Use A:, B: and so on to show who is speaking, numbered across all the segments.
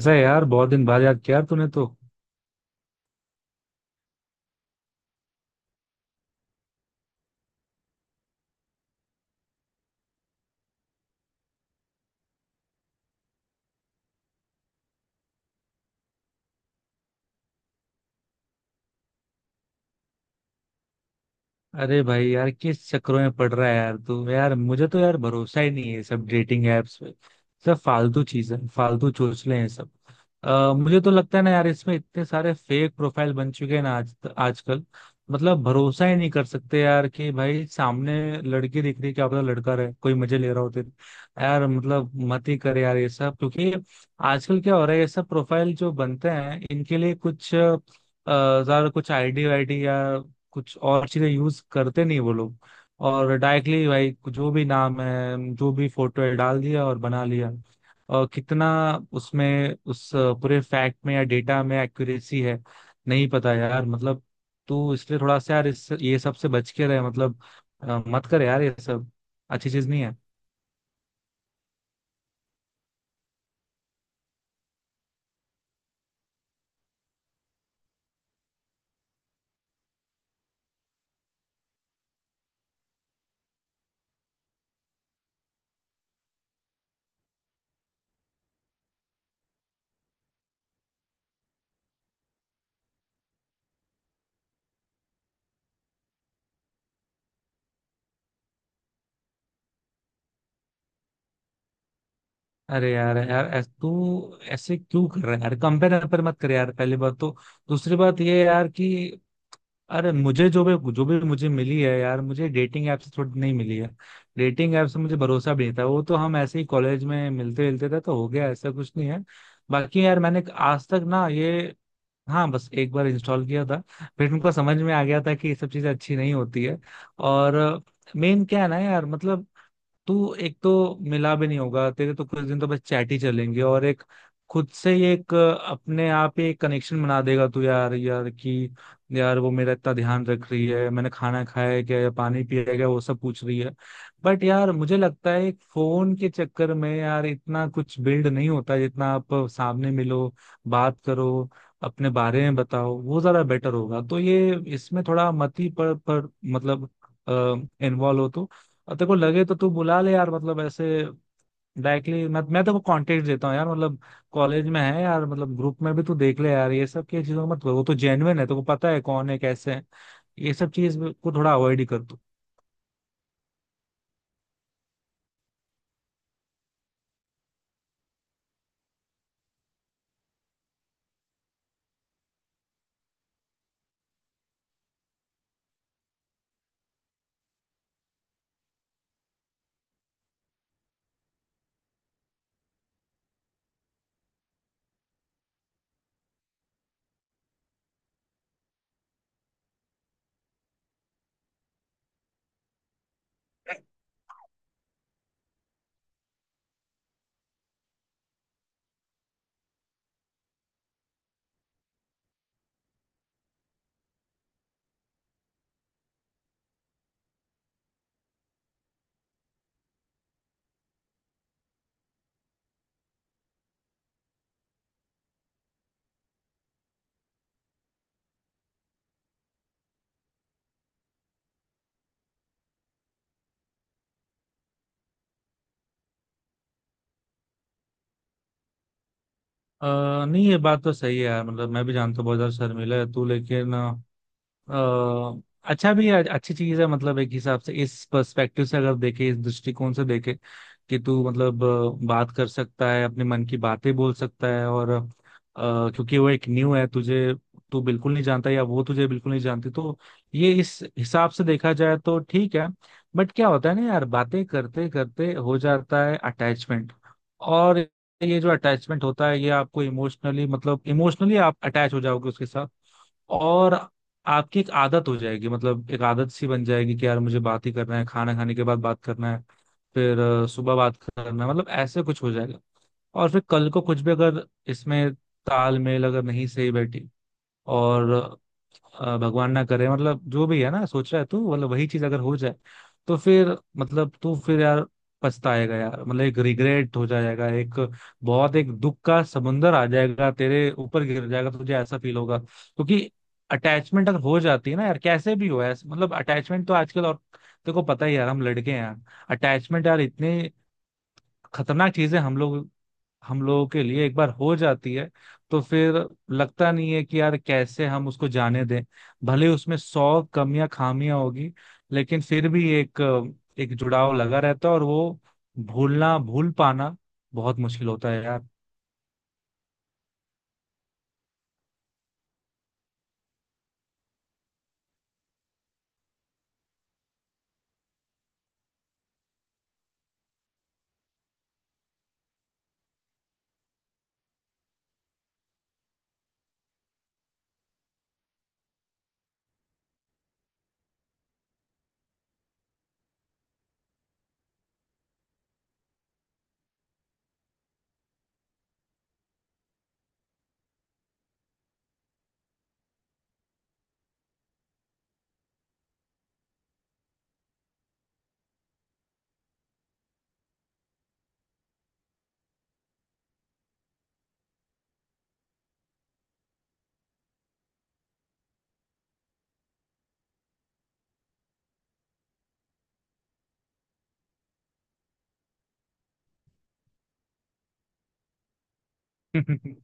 A: ऐसा है यार, बहुत दिन बाद याद किया यार तूने तो। अरे भाई यार, किस चक्करों में पड़ रहा है यार तू। यार मुझे तो यार भरोसा ही नहीं है ये सब डेटिंग एप्स पे। सब फालतू चीजें, फालतू चोचले हैं सब। मुझे तो लगता है ना यार, इसमें इतने सारे फेक प्रोफाइल बन चुके हैं ना आज आजकल। मतलब भरोसा ही नहीं कर सकते यार कि भाई सामने लड़की दिख रही है, क्या पता लड़का रहे, कोई मजे ले रहा होते। यार मतलब मत ही कर यार ये सब, क्योंकि आजकल क्या हो रहा है, ये सब प्रोफाइल जो बनते हैं इनके लिए कुछ ज्यादा कुछ आईडी वाईडी या कुछ और चीजें यूज करते नहीं वो लोग। और डायरेक्टली भाई, जो भी नाम है, जो भी फोटो है, डाल दिया और बना लिया। और कितना उसमें, उस पूरे फैक्ट में या डेटा में एक्यूरेसी है, नहीं पता यार। मतलब तो इसलिए थोड़ा सा यार इस ये सब से बच के रहे, मतलब मत कर यार ये सब। अच्छी चीज नहीं है। अरे यार यार तू ऐसे क्यों कर रहा है यार। कंपेयर पर मत कर यार, पहली बात तो। दूसरी बात ये है यार कि अरे, मुझे जो भी मुझे मिली है यार, मुझे डेटिंग ऐप से थोड़ी नहीं मिली है। डेटिंग ऐप से मुझे भरोसा भी नहीं था, वो तो हम ऐसे ही कॉलेज में मिलते मिलते थे तो हो गया, ऐसा कुछ नहीं है। बाकी यार मैंने आज तक ना ये, हाँ बस एक बार इंस्टॉल किया था, फिर मेरे को समझ में आ गया था कि ये सब चीजें अच्छी नहीं होती है। और मेन क्या है ना यार, मतलब तू एक तो मिला भी नहीं होगा, तेरे तो कुछ दिन तो बस चैट ही चलेंगे। और एक खुद से ही एक अपने आप ही एक कनेक्शन बना देगा तू यार। यार कि यार वो मेरा इतना ध्यान रख रही है, मैंने खाना खाया है क्या या पानी पिया है क्या, वो सब पूछ रही है। बट यार मुझे लगता है फोन के चक्कर में यार इतना कुछ बिल्ड नहीं होता, जितना आप सामने मिलो, बात करो, अपने बारे में बताओ, वो ज्यादा बेटर होगा। तो ये इसमें थोड़ा मत ही पर मतलब इन्वॉल्व हो तो। और तेरे को लगे तो तू बुला ले यार, मतलब ऐसे डायरेक्टली मैं तेरे को कांटेक्ट देता हूँ यार। मतलब कॉलेज में है यार, मतलब ग्रुप में भी तू देख ले यार। ये सब की चीजों को मत, वो तो जेन्युइन है, तेरे को पता है कौन है कैसे है। ये सब चीज को थोड़ा अवॉइड ही कर तू। नहीं ये बात तो सही है यार, मतलब मैं भी जानता हूँ बहुत ज्यादा शर्मिला है तू। लेकिन अ, अच्छा भी है, अच्छी चीज है, मतलब एक हिसाब से, इस पर्सपेक्टिव से अगर देखे, इस दृष्टिकोण से देखे कि तू मतलब बात कर सकता है, अपने मन की बातें बोल सकता है। और क्योंकि वो एक न्यू है तुझे, तू बिल्कुल नहीं जानता या वो तुझे बिल्कुल नहीं जानती, तो ये इस हिसाब से देखा जाए तो ठीक है। बट क्या होता है ना यार, बातें करते करते हो जाता है अटैचमेंट। और ये जो अटैचमेंट होता है, ये आपको इमोशनली, मतलब इमोशनली आप अटैच हो जाओगे उसके साथ। और आपकी एक आदत हो जाएगी, मतलब एक आदत सी बन जाएगी कि यार मुझे बात ही करना है, खाना खाने के बाद बात करना है, फिर सुबह बात करना, मतलब ऐसे कुछ हो जाएगा। और फिर कल को कुछ भी अगर इसमें तालमेल अगर नहीं सही बैठी, और भगवान ना करे, मतलब जो भी है ना सोच रहा है तू, मतलब वही चीज अगर हो जाए, तो फिर मतलब तू फिर यार पछताएगा यार। मतलब एक रिग्रेट हो जाएगा, एक बहुत एक दुख का समुंदर आ जाएगा, तेरे ऊपर गिर जाएगा, तुझे ऐसा फील होगा। क्योंकि अटैचमेंट अगर हो जाती है ना यार, कैसे भी हो ऐसे, मतलब अटैचमेंट तो आजकल, और तेरे को पता ही है यार, हम लड़के हैं यार। अटैचमेंट यार इतने खतरनाक चीजें, हम लोग, हम लोगों के लिए एक बार हो जाती है, तो फिर लगता नहीं है कि यार कैसे हम उसको जाने दें। भले उसमें सौ कमियां खामियां होगी, लेकिन फिर भी एक एक जुड़ाव लगा रहता है। और वो भूलना, भूल पाना बहुत मुश्किल होता है यार।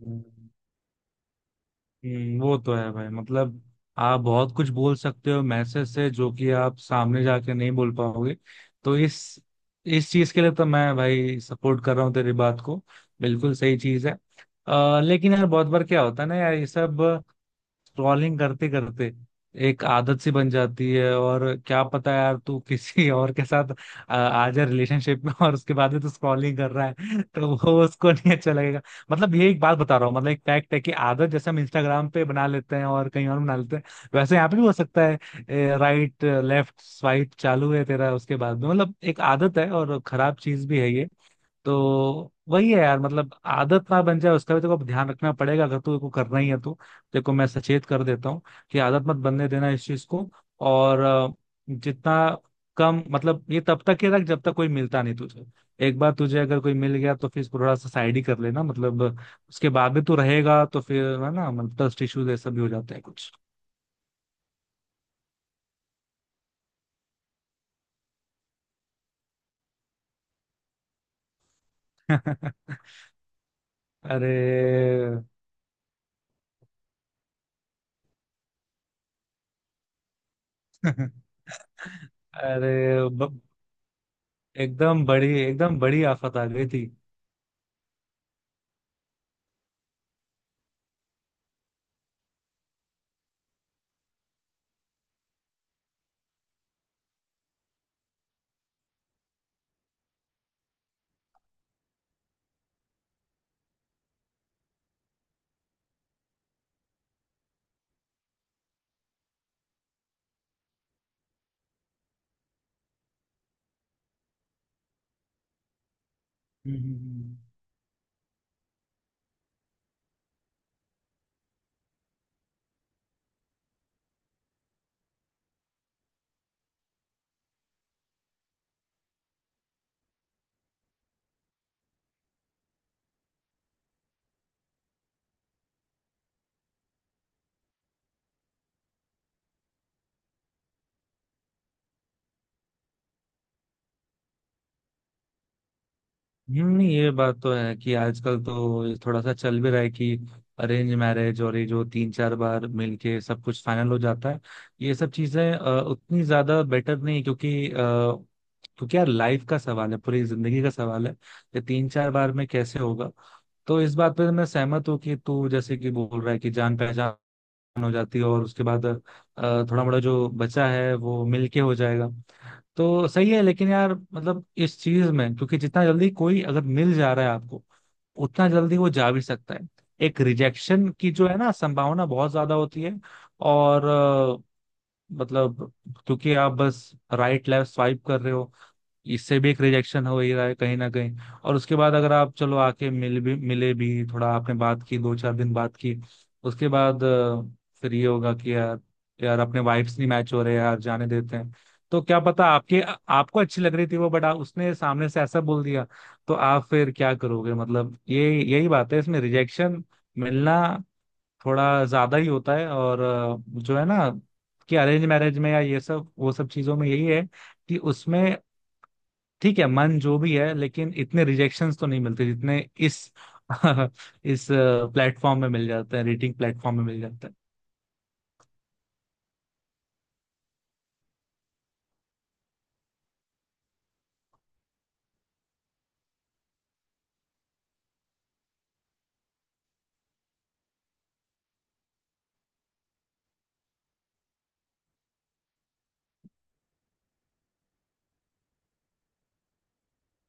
A: अ, वो तो है भाई। मतलब आप बहुत कुछ बोल सकते हो मैसेज से, जो कि आप सामने जाके नहीं बोल पाओगे। तो इस चीज के लिए तो मैं भाई सपोर्ट कर रहा हूँ तेरी बात को, बिल्कुल सही चीज है। लेकिन यार बहुत बार क्या होता है ना यार, ये सब स्क्रॉलिंग करते करते एक आदत सी बन जाती है। और क्या पता यार तू किसी और के साथ आ जा रिलेशनशिप में, और उसके बाद में तू स्क्रॉलिंग कर रहा है तो वो उसको नहीं अच्छा लगेगा। मतलब ये एक बात बता रहा हूँ, मतलब एक फैक्ट है कि आदत, जैसे हम इंस्टाग्राम पे बना लेते हैं और कहीं और बना लेते हैं, वैसे यहाँ पे भी हो सकता है। राइट लेफ्ट स्वाइप चालू है तेरा उसके बाद में, मतलब एक आदत है और खराब चीज भी है ये। तो वही है यार, मतलब आदत ना बन जाए उसका भी तेरे को ध्यान रखना पड़ेगा, अगर तू को करना ही है तो। तेरे को मैं सचेत कर देता हूँ कि आदत मत बनने देना इस चीज को। और जितना कम, मतलब ये तब तक ही रख जब तक कोई मिलता नहीं तुझे। एक बार तुझे अगर कोई मिल गया तो फिर इसको थोड़ा सा साइड ही कर लेना, मतलब उसके बाद भी तू रहेगा तो फिर है ना, मतलब ट्रस्ट इश्यूज ऐसा भी हो जाता है कुछ। अरे अरे ब- एकदम बड़ी, एकदम बड़ी आफत आ गई थी। हम्म। नहीं ये बात तो है कि आजकल तो ये थोड़ा सा चल भी रहा है कि अरेंज मैरिज, और ये जो तीन चार बार मिलके सब कुछ फाइनल हो जाता है, ये सब चीजें उतनी ज्यादा बेटर नहीं। क्योंकि क्योंकि यार लाइफ का सवाल है, पूरी जिंदगी का सवाल है, ये तीन चार बार में कैसे होगा। तो इस बात पे तो मैं सहमत हूँ कि तू जैसे कि बोल रहा है कि जान पहचान हो जाती है, और उसके बाद थोड़ा मोड़ा जो बचा है वो मिलके हो जाएगा, तो सही है। लेकिन यार मतलब इस चीज में क्योंकि जितना जल्दी कोई अगर मिल जा रहा है आपको, उतना जल्दी वो जा भी सकता है। एक रिजेक्शन की जो है ना, संभावना बहुत ज्यादा होती है। और मतलब क्योंकि आप बस राइट लेफ्ट स्वाइप कर रहे हो, इससे भी एक रिजेक्शन हो ही रहा है कहीं ना कहीं। और उसके बाद अगर आप चलो आके मिल भी, मिले भी, थोड़ा आपने बात की, दो चार दिन बात की, उसके बाद फिर ये होगा कि यार, यार अपने वाइब्स नहीं मैच हो रहे यार, जाने देते हैं। तो क्या पता आपके, आपको अच्छी लग रही थी वो, बट उसने सामने से ऐसा बोल दिया, तो आप फिर क्या करोगे। मतलब ये यही बात है, इसमें रिजेक्शन मिलना थोड़ा ज्यादा ही होता है। और जो है ना कि अरेंज मैरिज में या ये सब वो सब चीजों में यही है कि उसमें ठीक है मन जो भी है, लेकिन इतने रिजेक्शंस तो नहीं मिलते जितने इस इस प्लेटफॉर्म में मिल जाते हैं, रेटिंग प्लेटफॉर्म में मिल जाते हैं।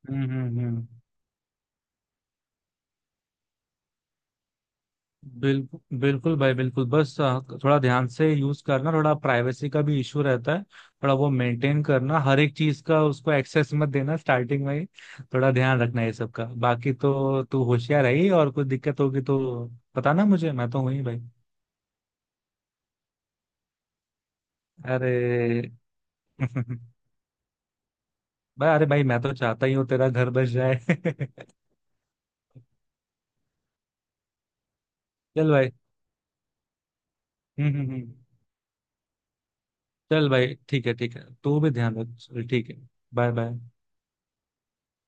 A: हम्म, हम्म, बिल्कुल, बिल्कुल भाई, बिल्कुल। बस थोड़ा ध्यान से यूज करना, थोड़ा प्राइवेसी का भी इशू रहता है, थोड़ा वो मेंटेन करना, हर एक चीज का उसको एक्सेस मत देना स्टार्टिंग में ही। थोड़ा ध्यान रखना ये सब का, बाकी तो तू होशियार है ही। और कुछ दिक्कत होगी तो बताना मुझे, मैं तो हूं ही भाई। अरे भाई, अरे भाई मैं तो चाहता ही हूँ तेरा घर बस जाए चल भाई। हम्म, हम्म, चल भाई ठीक है, ठीक है, तू भी ध्यान रख चल, ठीक है। Bye bye.